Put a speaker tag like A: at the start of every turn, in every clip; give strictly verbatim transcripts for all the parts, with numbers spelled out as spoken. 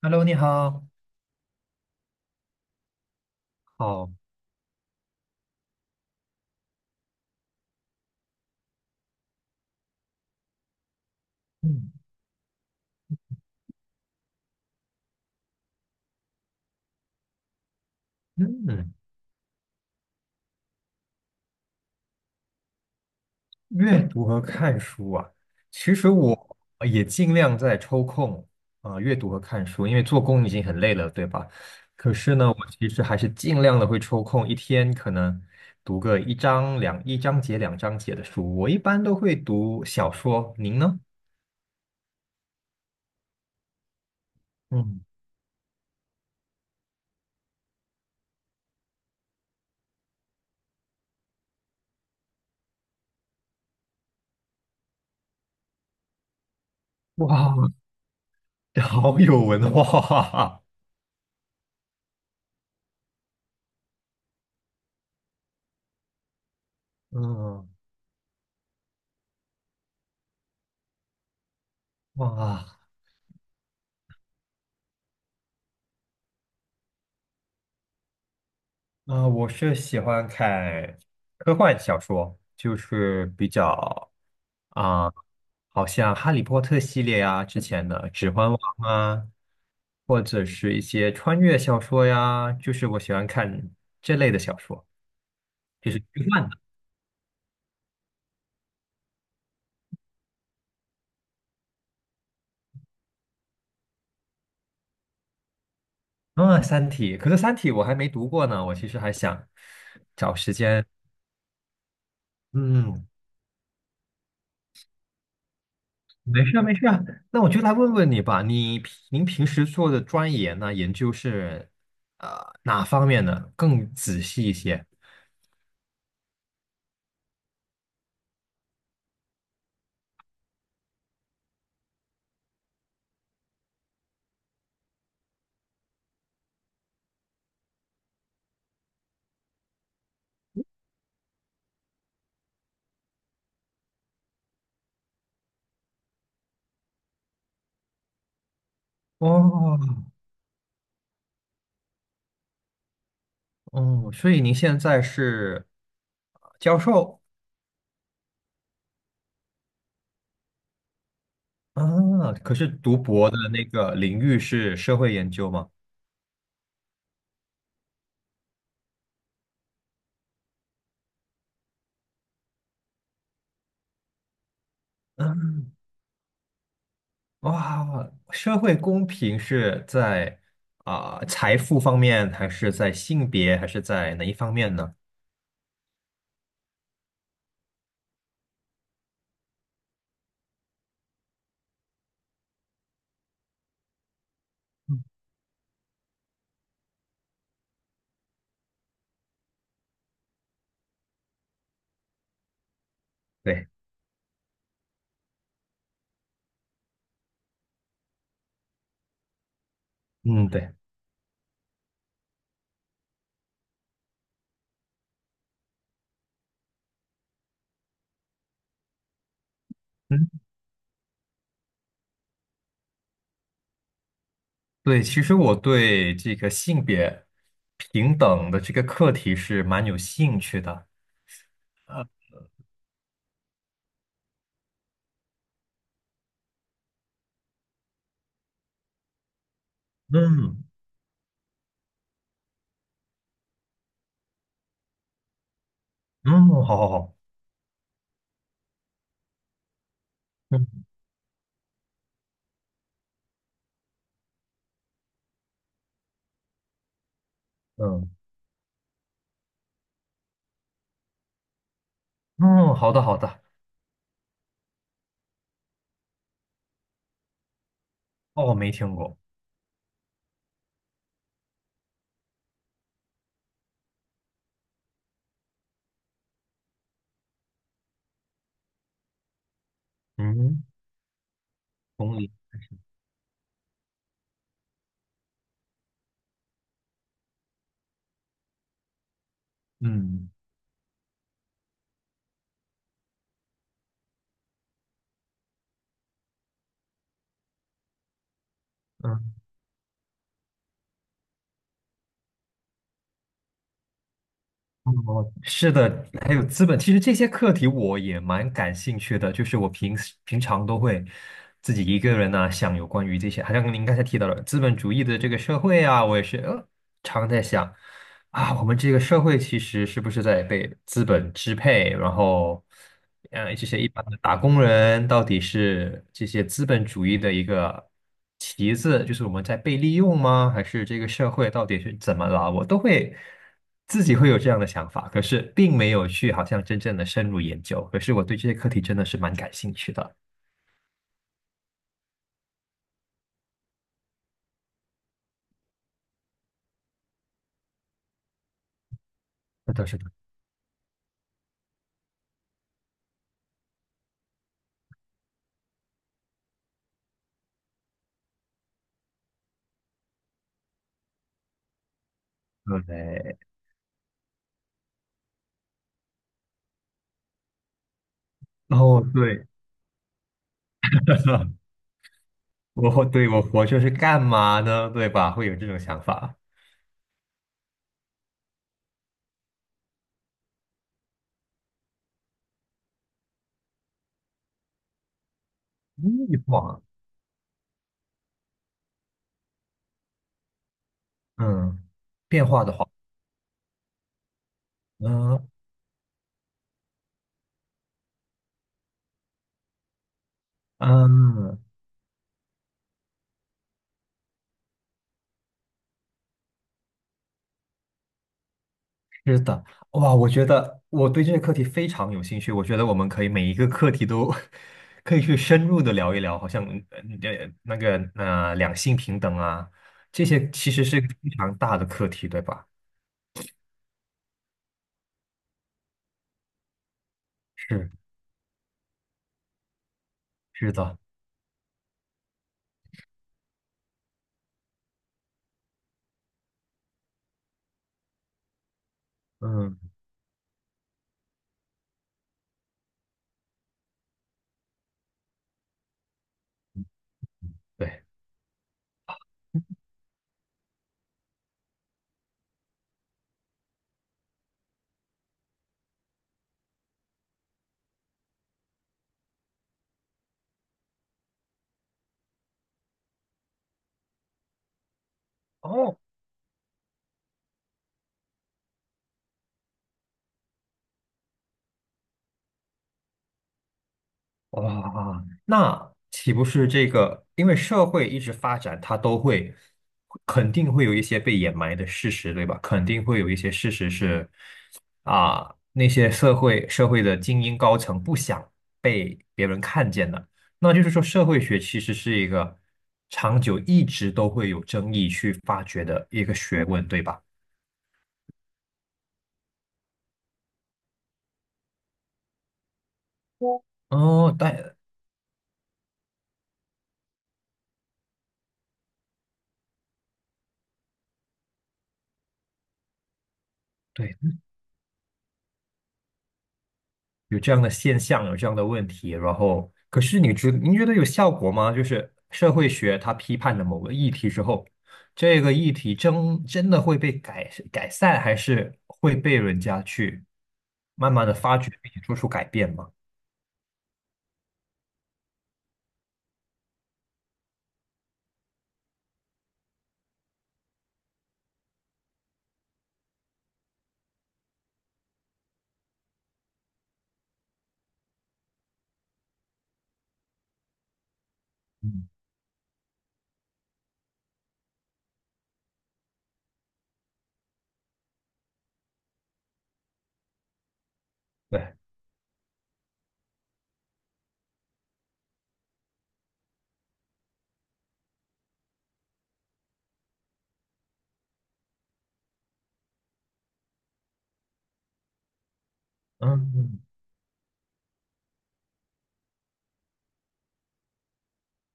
A: Hello，你好。好，嗯嗯，阅读和看书啊，其实嗯我也尽量在抽空啊、阅读和看书，因为做工已经很累了，对吧？可是呢，我其实还是尽量的会抽空，一天可能读个一章两一章节两章节的书。我一般都会读小说，您呢？嗯，哇，好有文化，嗯，哇。啊，我是喜欢看科幻小说，就是比较啊、好像《哈利波特》系列啊，之前的《指环王》啊，或者是一些穿越小说呀，就是我喜欢看这类的小说，就是科幻的。啊，《三体》，可是《三体》我还没读过呢，我其实还想找时间，嗯。没事啊没事啊。那我就来问问你吧，你平您平时做的专研呢，研究是呃哪方面呢？更仔细一些。哦哦，所以您现在是呃教授啊，可是读博的那个领域是社会研究吗？嗯，哇，社会公平是在啊、财富方面，还是在性别，还是在哪一方面呢？对，嗯，对。嗯。对，其实我对这个性别平等的这个课题是蛮有兴趣的。嗯嗯，好好好，嗯嗯嗯，好的好的。哦，我没听过。嗯，同理。嗯嗯哦，是的，还有资本，其实这些课题我也蛮感兴趣的，就是我平时平常都会自己一个人呢、想有关于这些，好像您刚才提到了资本主义的这个社会啊，我也是呃常在想。啊，我们这个社会其实是不是在被资本支配？然后，嗯，这些一般的打工人到底是这些资本主义的一个旗子，就是我们在被利用吗？还是这个社会到底是怎么了？我都会自己会有这样的想法，可是并没有去好像真正的深入研究。可是我对这些课题真的是蛮感兴趣的。是的，是的，对，哦，对，我对我活着是干嘛呢？对吧？会有这种想法。欲望。嗯，变化的话，嗯嗯，是的，哇，我觉得我对这个课题非常有兴趣，我觉得我们可以每一个课题都 可以去深入的聊一聊，好像嗯呃你的那个呃两性平等啊，这些其实是非常大的课题，对吧？是是的，嗯，对。哦。哇，啊那岂不是这个？因为社会一直发展，它都会肯定会有一些被掩埋的事实，对吧？肯定会有一些事实是啊，那些社会社会的精英高层不想被别人看见的。那就是说，社会学其实是一个长久一直都会有争议去发掘的一个学问，对吧？哦，但对。有这样的现象，有这样的问题，然后可是你觉您觉得有效果吗？就是社会学它批判了某个议题之后，这个议题真真的会被改改善，还是会被人家去慢慢的发掘并且做出改变吗？嗯，对，嗯嗯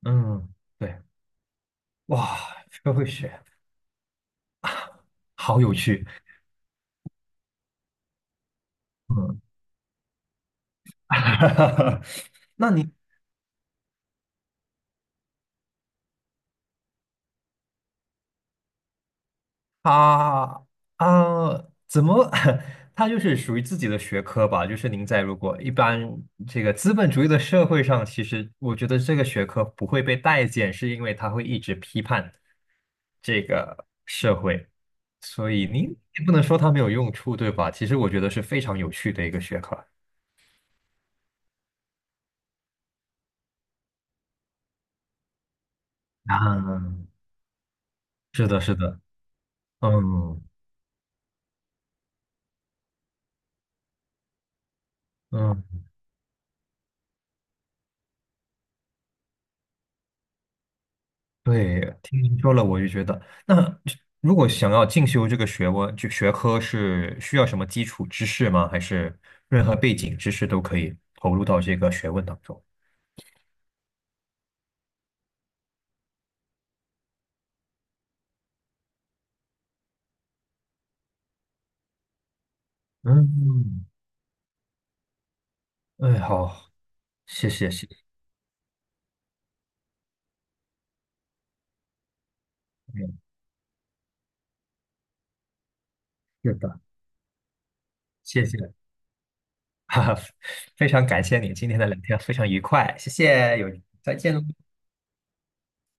A: 嗯，对，哇，社会学好有趣，嗯，那你他啊，怎么？他就是属于自己的学科吧。就是您在如果一般这个资本主义的社会上，其实我觉得这个学科不会被待见，是因为他会一直批判这个社会，所以您也不能说它没有用处，对吧？其实我觉得是非常有趣的一个学科。啊，是的，是的，嗯嗯。对，听您说了，我就觉得，那如果想要进修这个学问，就学科是需要什么基础知识吗？还是任何背景知识都可以投入到这个学问当中？嗯，哎，好，谢谢，谢谢，嗯是的，谢谢，哈哈，非常感谢你今天的聊天，非常愉快，谢谢，有，再见喽。